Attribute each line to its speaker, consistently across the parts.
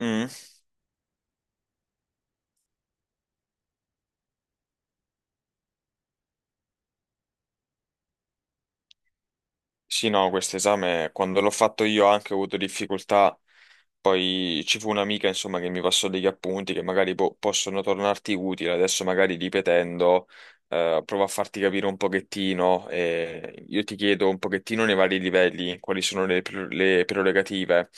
Speaker 1: Mm. Sì, no, questo esame quando l'ho fatto io anche ho avuto difficoltà, poi ci fu un'amica insomma che mi passò degli appunti che magari possono tornarti utili, adesso magari ripetendo, provo a farti capire un pochettino, io ti chiedo un pochettino nei vari livelli quali sono le, le prerogative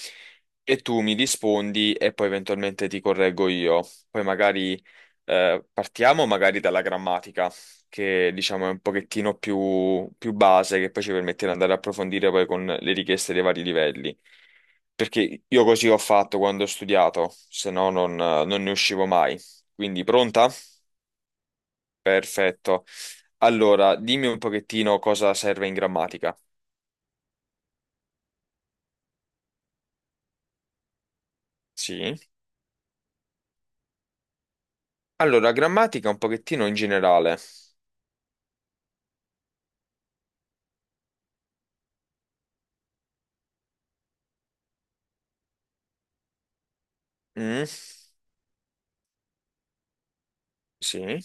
Speaker 1: e tu mi rispondi e poi eventualmente ti correggo io, poi magari partiamo magari dalla grammatica, che diciamo è un pochettino più base, che poi ci permette di andare a approfondire poi con le richieste dei vari livelli. Perché io così ho fatto quando ho studiato, se no non ne uscivo mai. Quindi pronta? Perfetto. Allora, dimmi un pochettino cosa serve in grammatica. Sì. Allora, grammatica un pochettino in generale. Mm, sì.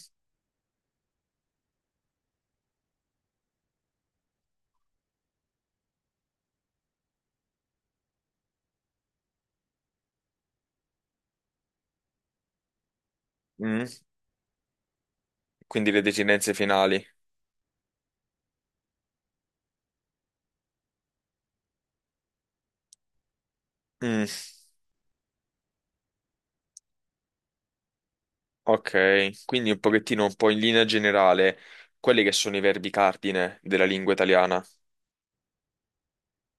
Speaker 1: Mm, Quindi le desinenze finali. Mm. Ok, quindi un pochettino, un po' in linea generale, quelli che sono i verbi cardine della lingua italiana,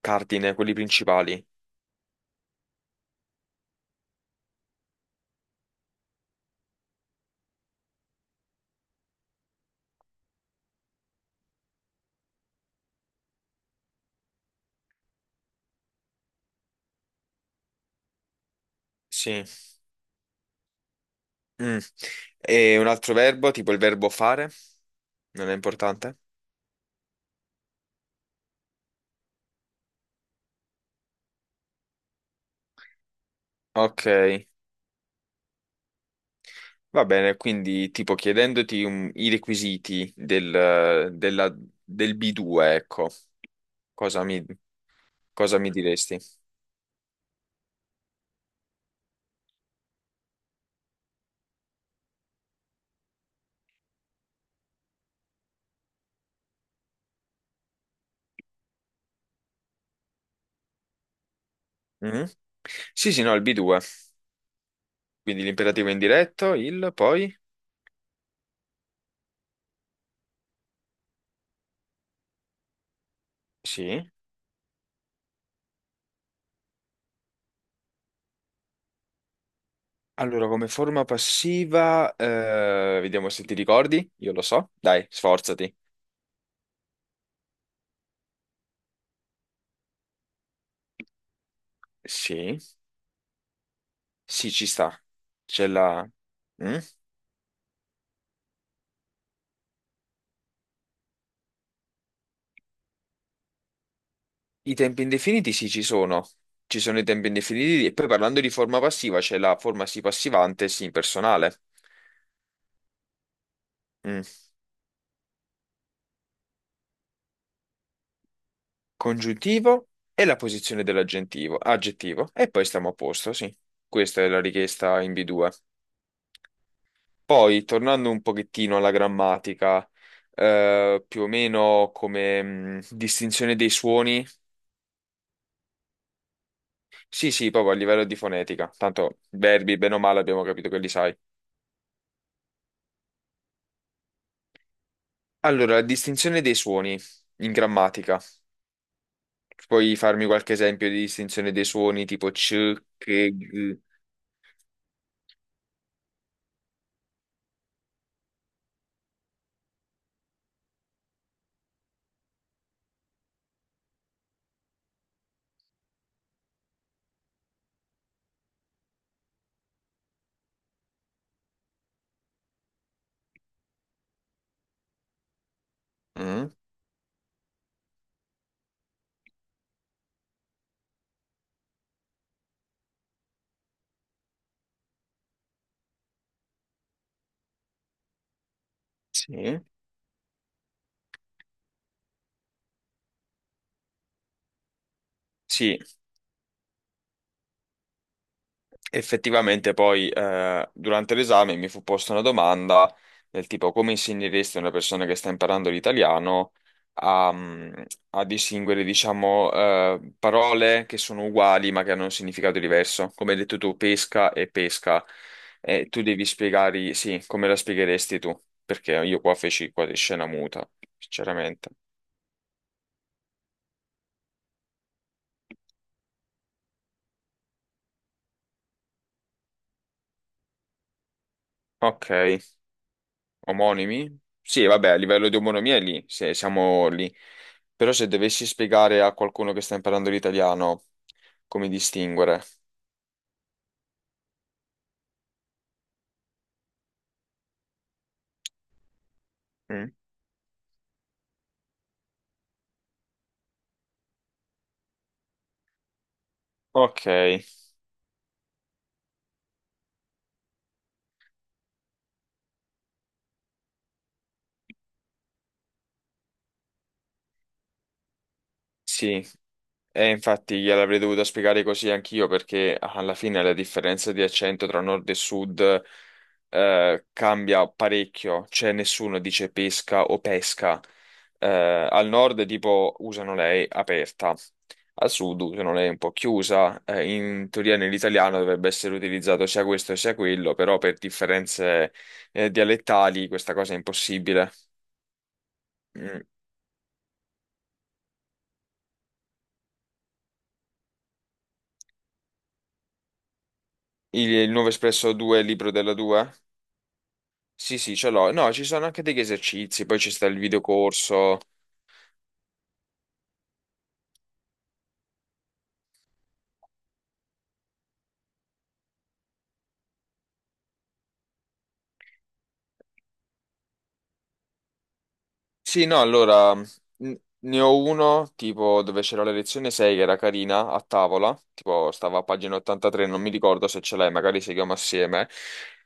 Speaker 1: cardine, quelli principali. Sì. Mm. E un altro verbo, tipo il verbo fare, non è importante? Ok, va bene, quindi tipo chiedendoti i requisiti del B2, ecco, cosa mi, cosa mi diresti? Mhm. Sì, sì, no, il B2, quindi l'imperativo indiretto, il poi, sì. Allora, come forma passiva, vediamo se ti ricordi. Io lo so. Dai, sforzati. Sì. Sì, ci sta. C'è la. Mm? I tempi indefiniti, sì, ci sono. Ci sono i tempi indefiniti. E poi parlando di forma passiva, c'è la forma sì passivante, sì impersonale. Mm. Congiuntivo e la posizione dell'aggettivo. Aggettivo. E poi stiamo a posto, sì. Questa è la richiesta in B2. Poi, tornando un pochettino alla grammatica, più o meno come distinzione dei suoni, sì, sì, proprio a livello di fonetica, tanto verbi, bene o male, abbiamo capito che li sai. Allora, la distinzione dei suoni in grammatica, puoi farmi qualche esempio di distinzione dei suoni tipo c, che, g? Mm? Sì. Sì, effettivamente poi durante l'esame mi fu posta una domanda del tipo come insegneresti a una persona che sta imparando l'italiano a, mm, a distinguere, diciamo, parole che sono uguali ma che hanno un significato diverso. Come hai detto tu, pesca e pesca. E tu devi spiegare, sì, come la spiegheresti tu? Perché io qua feci quasi scena muta, sinceramente. Ok. Omonimi? Sì, vabbè, a livello di omonimia è lì, se siamo lì. Però se dovessi spiegare a qualcuno che sta imparando l'italiano come distinguere. Mm. Ok, sì. E infatti gliel'avrei dovuto spiegare così anch'io perché alla fine la differenza di accento tra nord e sud cambia parecchio, cioè nessuno dice pesca o pesca. Eh, al nord tipo usano lei aperta, al sud usano lei un po' chiusa. In teoria nell'italiano dovrebbe essere utilizzato sia questo sia quello, però per differenze dialettali questa cosa è impossibile. Mm. Il nuovo Espresso 2, libro della 2? Sì, sì, ce l'ho. No, ci sono anche degli esercizi, poi ci sta il videocorso. Sì, no, allora ne ho uno tipo dove c'era la lezione 6 che era carina a tavola, tipo stava a pagina 83, non mi ricordo se ce l'hai, magari seguiamo assieme.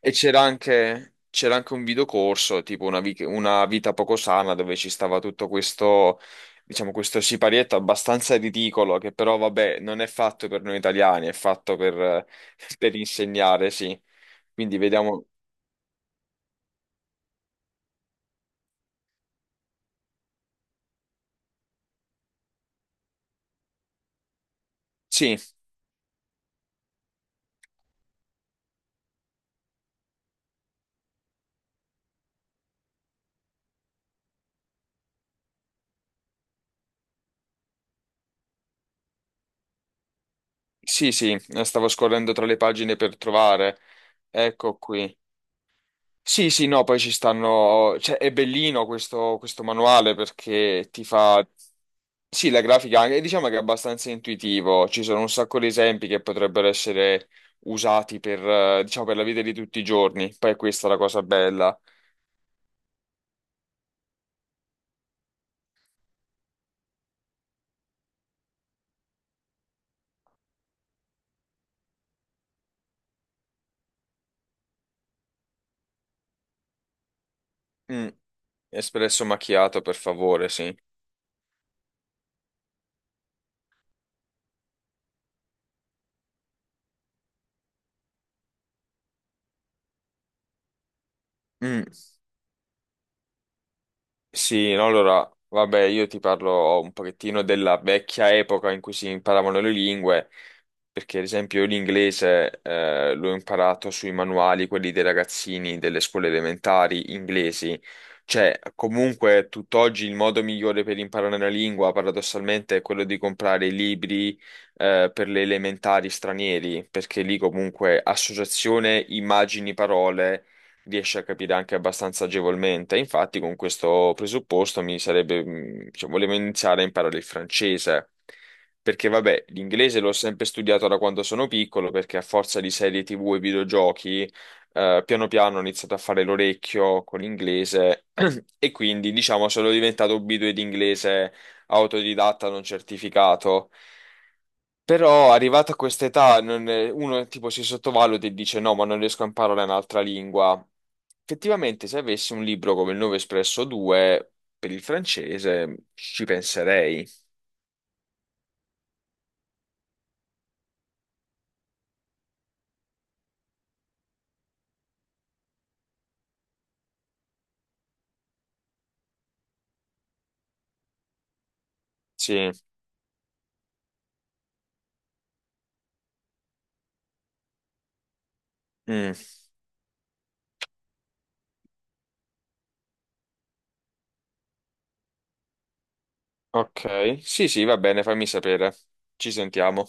Speaker 1: E c'era anche un videocorso, tipo una vita poco sana, dove ci stava tutto questo, diciamo, questo siparietto abbastanza ridicolo, che però, vabbè, non è fatto per noi italiani, è fatto per insegnare, sì. Quindi vediamo. Sì, sì, sì, stavo scorrendo tra le pagine per trovare. Ecco qui. Sì, sì, no, poi ci stanno. Cioè, è bellino questo manuale perché ti fa. Sì, la grafica anche, diciamo che è abbastanza intuitivo. Ci sono un sacco di esempi che potrebbero essere usati per, diciamo, per la vita di tutti i giorni. Poi questa è la cosa bella. Mm, Espresso macchiato, per favore, sì. Mm. Sì, no, allora, vabbè, io ti parlo un pochettino della vecchia epoca in cui si imparavano le lingue, perché ad esempio io l'inglese l'ho imparato sui manuali, quelli dei ragazzini delle scuole elementari inglesi. Cioè, comunque, tutt'oggi il modo migliore per imparare una lingua, paradossalmente, è quello di comprare i libri per le elementari stranieri, perché lì comunque associazione, immagini, parole riesce a capire anche abbastanza agevolmente. Infatti, con questo presupposto mi sarebbe, cioè, volevo iniziare a imparare il francese. Perché, vabbè, l'inglese l'ho sempre studiato da quando sono piccolo, perché a forza di serie TV e videogiochi, piano piano ho iniziato a fare l'orecchio con l'inglese e quindi, diciamo, sono diventato B2 di inglese autodidatta non certificato. Però arrivato a questa età non è- uno tipo si sottovaluta e dice no, ma non riesco a imparare un'altra lingua. Effettivamente, se avessi un libro come il 9 Espresso 2 per il francese, ci penserei. Sì. Mm, ok. Sì, sì, va bene, fammi sapere. Ci sentiamo.